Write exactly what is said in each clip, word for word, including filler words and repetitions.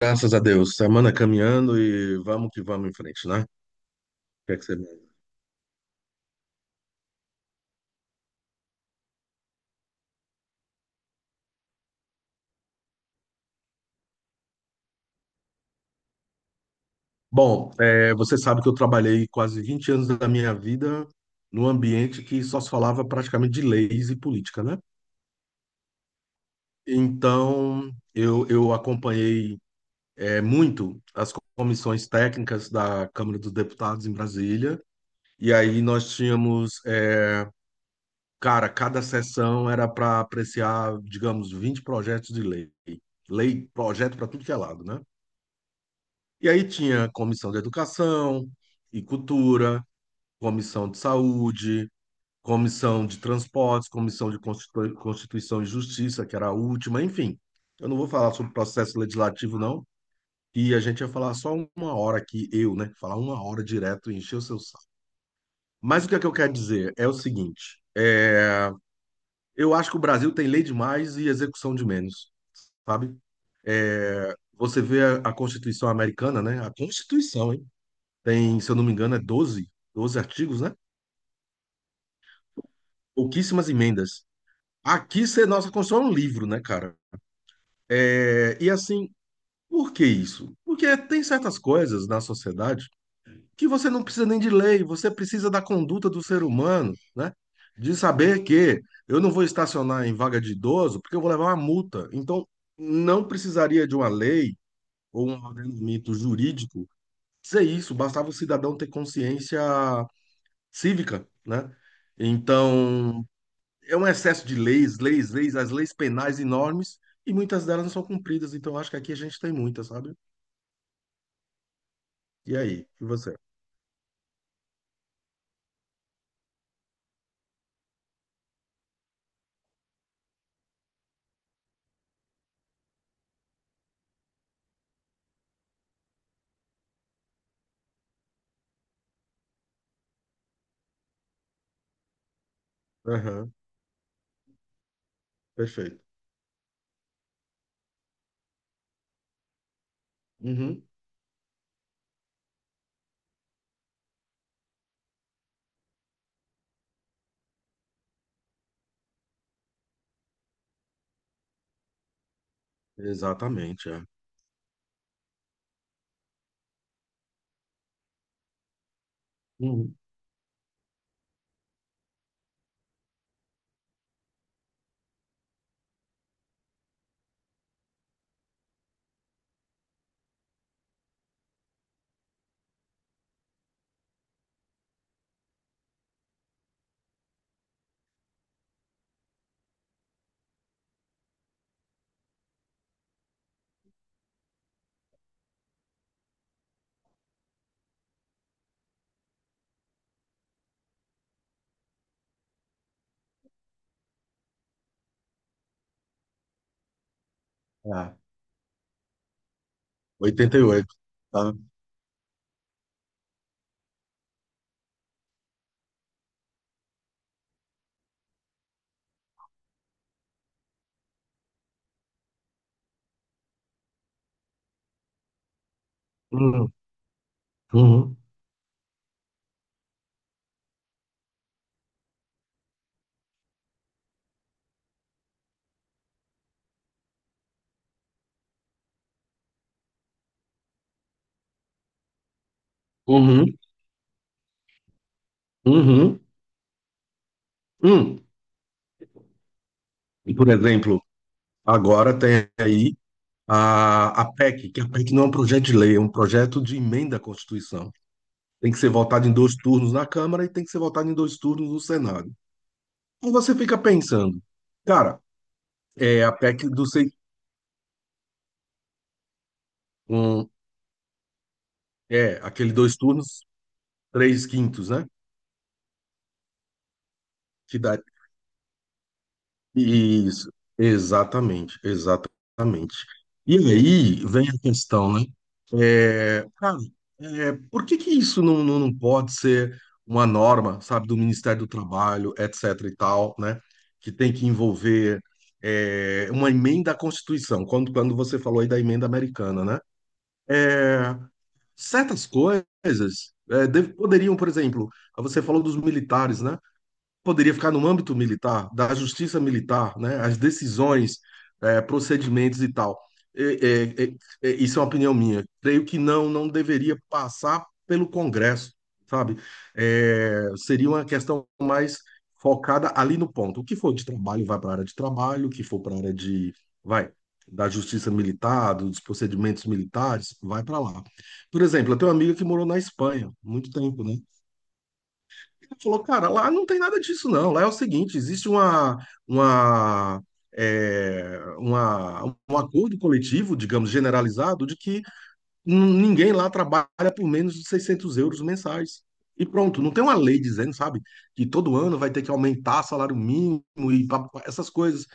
Graças a Deus. Semana caminhando e vamos que vamos em frente, né? O que é que você... Bom, é, você sabe que eu trabalhei quase vinte anos da minha vida num ambiente que só se falava praticamente de leis e política, né? Então, eu, eu acompanhei é, muito as comissões técnicas da Câmara dos Deputados em Brasília. E aí nós tínhamos, é, cara, cada sessão era para apreciar, digamos, vinte projetos de lei. Lei, projeto para tudo que é lado, né? E aí tinha comissão de educação e cultura, comissão de saúde, comissão de transportes, comissão de Constitu- Constituição e Justiça, que era a última, enfim. Eu não vou falar sobre processo legislativo, não, e a gente ia falar só uma hora aqui, eu, né? Falar uma hora direto e encher o seu saco. Mas o que é que eu quero dizer é o seguinte: eu acho que o Brasil tem lei demais e execução de menos, sabe? Você vê a, a Constituição americana, né? A Constituição, hein? Tem, se eu não me engano, é doze, doze artigos, né? Pouquíssimas emendas. Aqui, cê- nossa Constituição é um livro, né, cara? É, e assim, por que isso? Porque tem certas coisas na sociedade que você não precisa nem de lei, você precisa da conduta do ser humano, né? De saber que eu não vou estacionar em vaga de idoso porque eu vou levar uma multa. Então, não precisaria de uma lei ou um ordenamento jurídico dizer isso, bastava o cidadão ter consciência cívica, né? Então, é um excesso de leis, leis, leis, as leis penais enormes, e muitas delas não são cumpridas. Então, acho que aqui a gente tem muita, sabe? E aí, e você? Aham, perfeito. Uhum, exatamente, é. Uhum, é. oitenta e oito, tá? Uhum, uhum, uhum, uhum, uhum. E, por exemplo, agora tem aí a, a PEC, que a PEC não é um projeto de lei, é um projeto de emenda à Constituição. Tem que ser votado em dois turnos na Câmara e tem que ser votado em dois turnos no Senado. e Você fica pensando, cara, é a PEC do seis, um, é aquele dois turnos, três quintos, né? Que dá isso, exatamente, exatamente. E aí vem a questão, né? É, cara, é, por que que isso não, não, não pode ser uma norma, sabe, do Ministério do Trabalho, etcétera e tal, né? Que tem que envolver é, uma emenda à Constituição, quando, quando você falou aí da emenda americana, né? É, certas coisas é, deve- poderiam, por exemplo, você falou dos militares, né? Poderia ficar no âmbito militar, da justiça militar, né? As decisões, eh, procedimentos e tal. Eh, eh, eh, isso é uma opinião minha. Creio que não, não deveria passar pelo Congresso, sabe? Eh, seria uma questão mais focada ali no ponto. O que for de trabalho vai para a área de trabalho, o que for para a área de, vai, da justiça militar, dos procedimentos militares, vai para lá. Por exemplo, eu tenho uma amiga que morou na Espanha muito tempo, né? Ele falou, cara, lá não tem nada disso, não. Lá é o seguinte, existe uma, uma, é, uma- um acordo coletivo, digamos, generalizado, de que n- ninguém lá trabalha por menos de seiscentos euros mensais. E pronto, não tem uma lei dizendo, sabe, que todo ano vai ter que aumentar salário mínimo e pa- pa- essas coisas,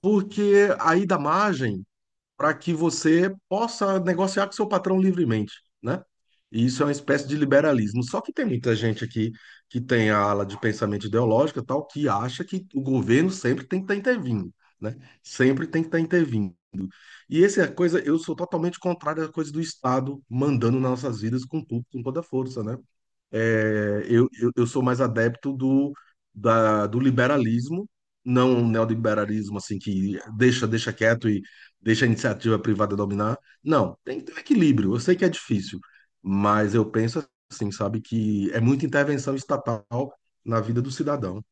porque aí dá margem para que você possa negociar com seu patrão livremente, né? E isso é uma espécie de liberalismo. Só que tem muita gente aqui que tem a ala de pensamento ideológico e tal, que acha que o governo sempre tem que estar intervindo, né? Sempre tem que estar intervindo. E essa é a coisa, eu sou totalmente contrário à coisa do Estado mandando nas nossas vidas com tudo, com toda a força, né? É, eu, eu, eu sou mais adepto do, da, do liberalismo, não um neoliberalismo assim que deixa, deixa quieto e deixa a iniciativa privada dominar. Não, tem que ter um equilíbrio. Eu sei que é difícil, mas eu penso assim, sabe, que é muita intervenção estatal na vida do cidadão.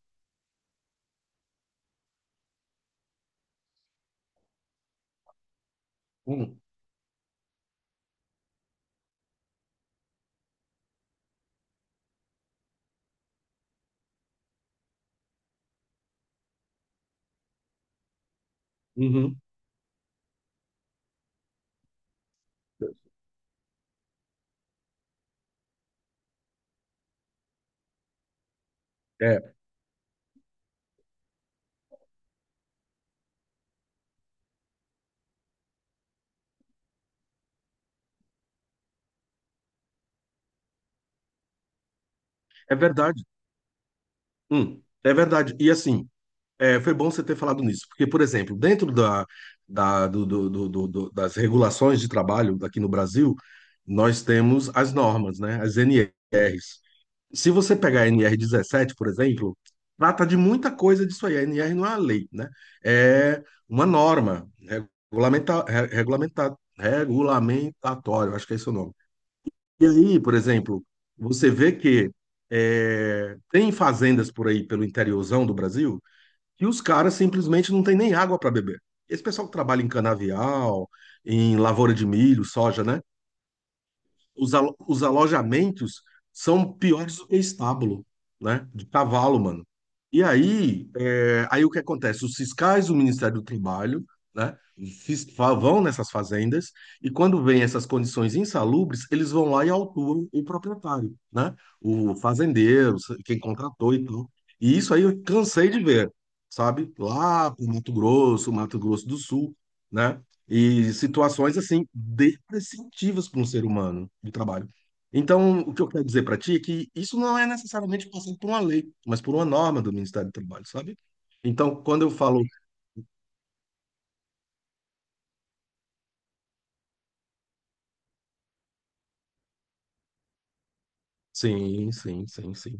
Hum, uhum, é, é verdade. Hum, é verdade. E assim, É, foi bom você ter falado nisso, porque, por exemplo, dentro da, da- do- do- do- do- do- das regulações de trabalho aqui no Brasil, nós temos as normas, né? As N Rs. Se você pegar a N R dezessete, por exemplo, trata de muita coisa disso aí. A N R não é uma lei, né? É uma norma regulamenta, re- regulamenta, regulamentatória, acho que é esse o nome. E aí, por exemplo, você vê que é, tem fazendas por aí pelo interiorzão do Brasil e os caras simplesmente não têm nem água para beber. Esse pessoal que trabalha em canavial, em lavoura de milho, soja, né? os, alo- os alojamentos são piores do que estábulo, né? De cavalo, mano. E aí, é, aí o que acontece? Os fiscais do Ministério do Trabalho, né? fis- fa- Vão nessas fazendas e quando vêm essas condições insalubres, eles vão lá e autuam o proprietário, né? O fazendeiro, quem contratou e tudo. E isso aí eu cansei de ver, sabe? Lá pro Mato Grosso, Mato Grosso do Sul, né? E situações assim depreciativas para um ser humano de trabalho. Então, o que eu quero dizer para ti é que isso não é necessariamente passando por uma lei, mas por uma norma do Ministério do Trabalho, sabe? Então, quando eu falo sim, sim, sim, sim,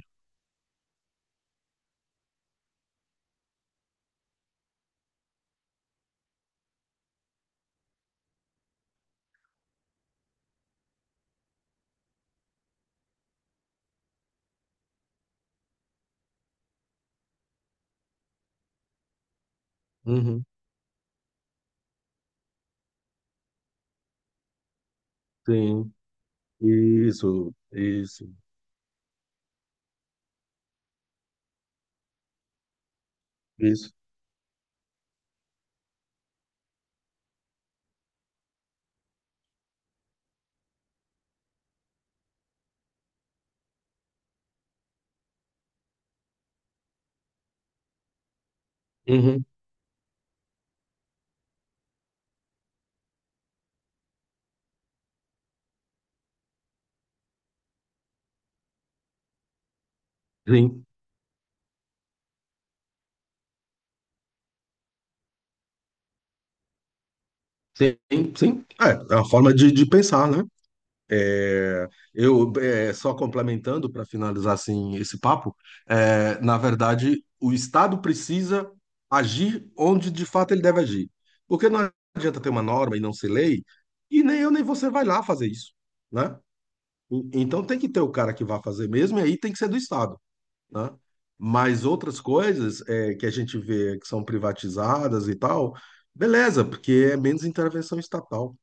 uhum, sim, isso, isso, isso, uhum, sim, sim, sim, é, é uma forma de, de pensar, né? É, eu, é, só complementando para finalizar assim esse papo, é, na verdade, o Estado precisa agir onde de fato ele deve agir. Porque não adianta ter uma norma e não ser lei, e nem eu nem você vai lá fazer isso, né? E- Então tem que ter o cara que vai fazer mesmo, e aí tem que ser do Estado, né? Mas outras coisas é, que a gente vê que são privatizadas e tal, beleza, porque é menos intervenção estatal.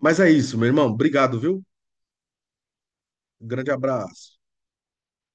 Mas é isso, meu irmão. Obrigado, viu? Um grande abraço.